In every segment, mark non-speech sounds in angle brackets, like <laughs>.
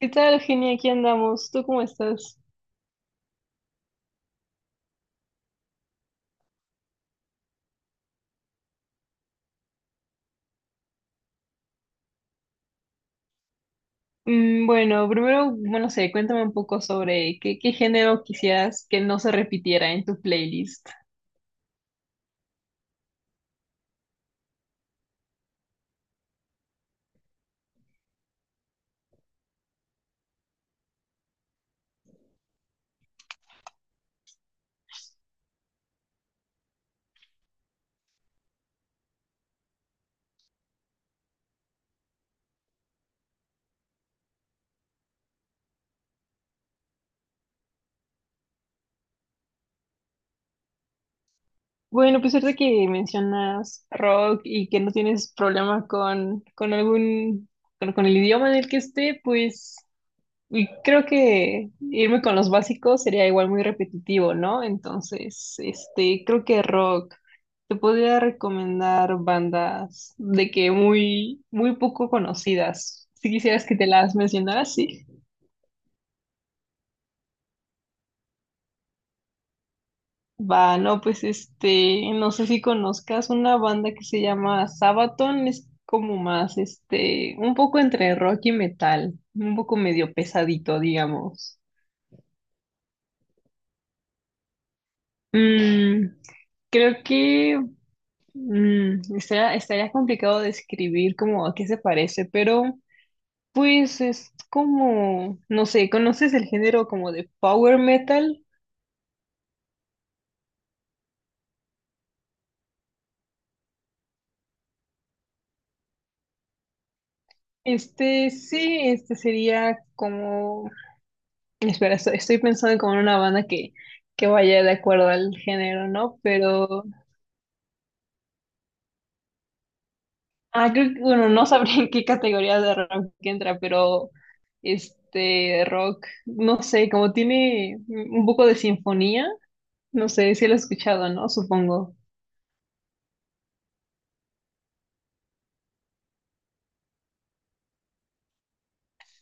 ¿Qué tal, Genia? Aquí andamos. ¿Tú cómo estás? Bueno, primero, bueno, no sé, cuéntame un poco sobre qué género quisieras que no se repitiera en tu playlist. Bueno, pues ahorita que mencionas rock y que no tienes problema con algún, con el idioma en el que esté, pues y creo que irme con los básicos sería igual muy repetitivo, ¿no? Entonces, este, creo que rock. Te podría recomendar bandas de que muy poco conocidas. Si quisieras que te las mencionara, sí. Va, no, pues este, no sé si conozcas una banda que se llama Sabaton. Es como más, este, un poco entre rock y metal, un poco medio pesadito, digamos. Mm, creo que estaría, complicado describir como a qué se parece, pero pues es como, no sé, ¿conoces el género como de power metal? Este sí, este sería como, espera, estoy pensando como en una banda que vaya de acuerdo al género, ¿no? Pero ah, creo que, bueno, no sabría en qué categoría de rock que entra, pero este rock, no sé, como tiene un poco de sinfonía, no sé si lo he escuchado, ¿no? Supongo.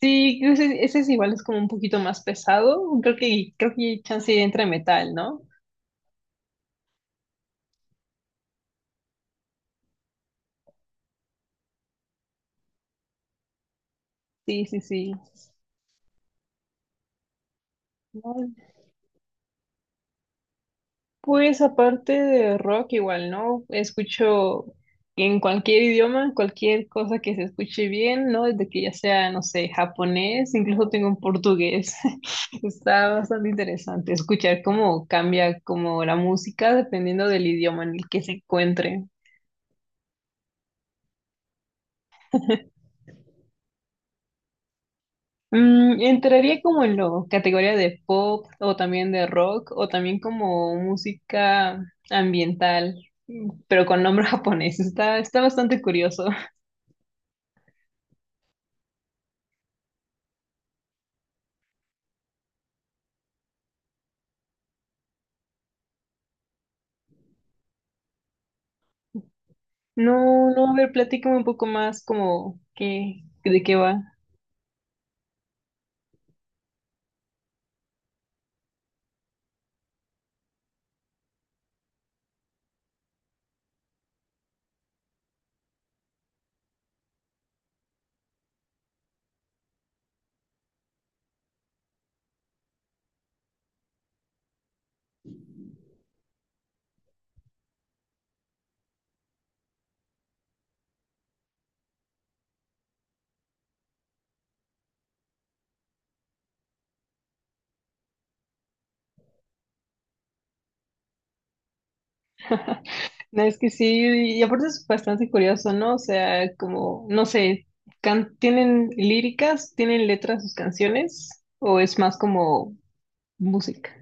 Sí, ese es igual, es como un poquito más pesado. Creo que chance entre metal, ¿no? Sí, sí, sí. No, pues aparte de rock, igual, ¿no? Escucho en cualquier idioma, cualquier cosa que se escuche bien, ¿no? Desde que ya sea, no sé, japonés, incluso tengo un portugués. <laughs> Está bastante interesante escuchar cómo cambia como la música dependiendo del idioma en el que se encuentre. Entraría como en la categoría de pop o también de rock o también como música ambiental, pero con nombre <laughs> japonés. Está bastante curioso. No, no, a ver, platícame un poco más como qué, de qué va. <laughs> No, es que sí, y aparte es bastante curioso, ¿no? O sea, como, no sé, ¿tienen líricas? ¿Tienen letras sus canciones? ¿O es más como música?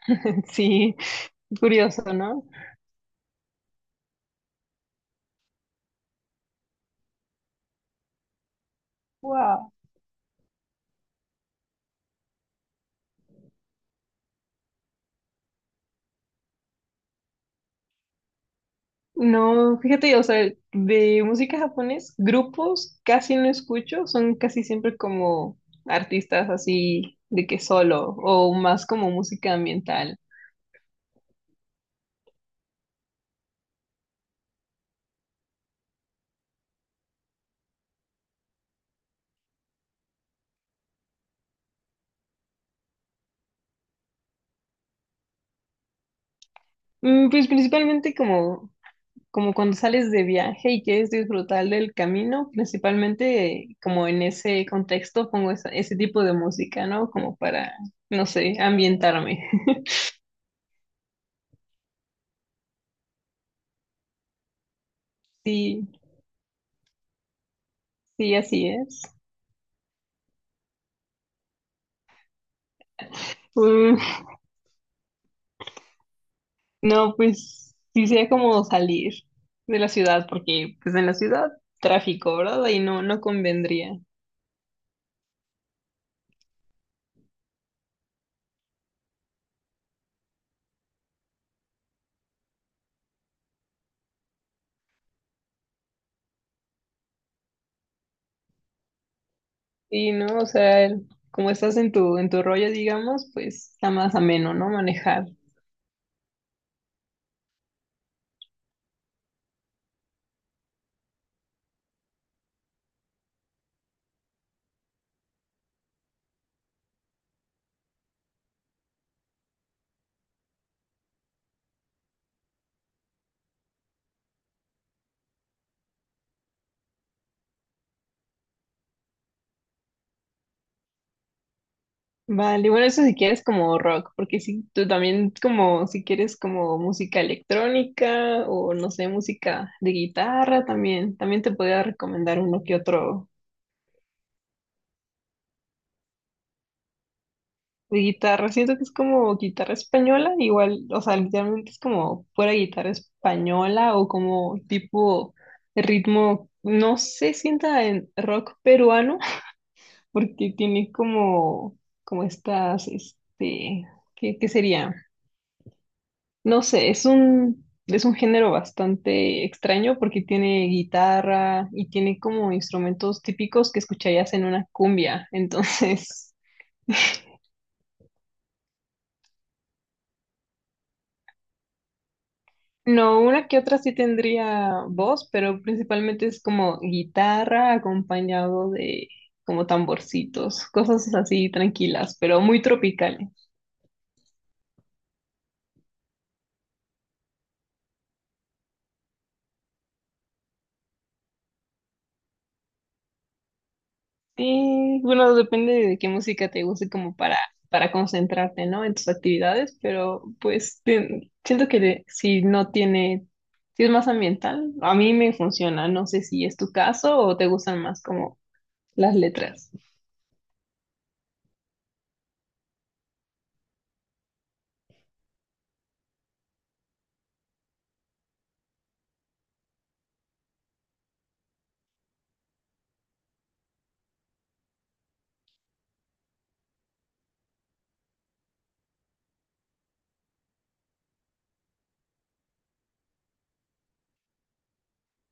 <laughs> Sí, curioso, ¿no? Wow. No, fíjate, o sea, de música japonés, grupos casi no escucho, son casi siempre como artistas así de que solo o más como música ambiental. Mm, pues principalmente como, como cuando sales de viaje y quieres disfrutar del camino, principalmente como en ese contexto pongo ese tipo de música, ¿no? Como para, no sé, ambientarme. <laughs> Sí, sí, así es. No, pues sí sería como salir de la ciudad, porque pues en la ciudad tráfico, ¿verdad? Y no, no convendría. Y no, o sea, como estás en tu rollo, digamos, pues está más ameno, ¿no? Manejar. Vale, bueno, eso si quieres como rock, porque si tú también como, si quieres como música electrónica o no sé, música de guitarra también, también te podría recomendar uno que otro de guitarra. Siento que es como guitarra española, igual, o sea, literalmente es como fuera guitarra española o como tipo ritmo, no sé, sienta en rock peruano, <laughs> porque tiene como, como estas, este, ¿qué, qué sería? No sé, es un género bastante extraño porque tiene guitarra y tiene como instrumentos típicos que escucharías en una cumbia, <laughs> entonces... No, una que otra sí tendría voz, pero principalmente es como guitarra acompañado de como tamborcitos, cosas así tranquilas, pero muy tropicales. Y bueno, depende de qué música te guste como para concentrarte, ¿no? En tus actividades, pero pues siento que si no tiene, si es más ambiental, a mí me funciona. No sé si es tu caso o te gustan más como las letras.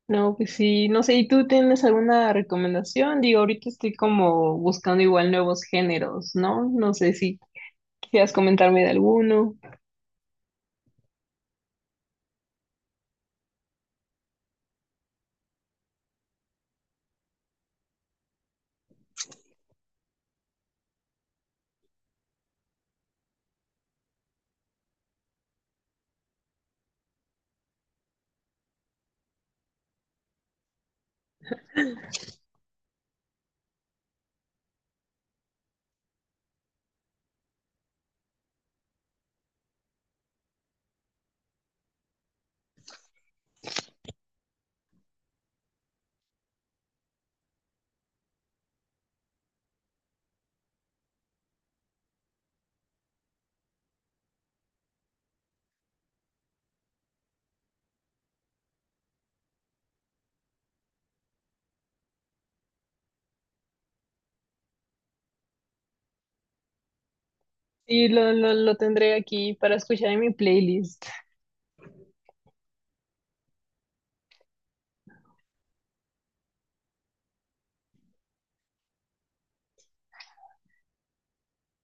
No, pues sí, no sé, ¿y tú tienes alguna recomendación? Digo, ahorita estoy como buscando igual nuevos géneros, ¿no? No sé si quisieras comentarme de alguno. Sí, lo tendré aquí para escuchar en mi playlist.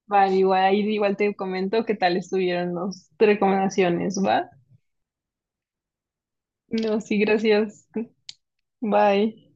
Vale, igual, ahí igual te comento qué tal estuvieron las recomendaciones, ¿va? No, sí, gracias. Bye.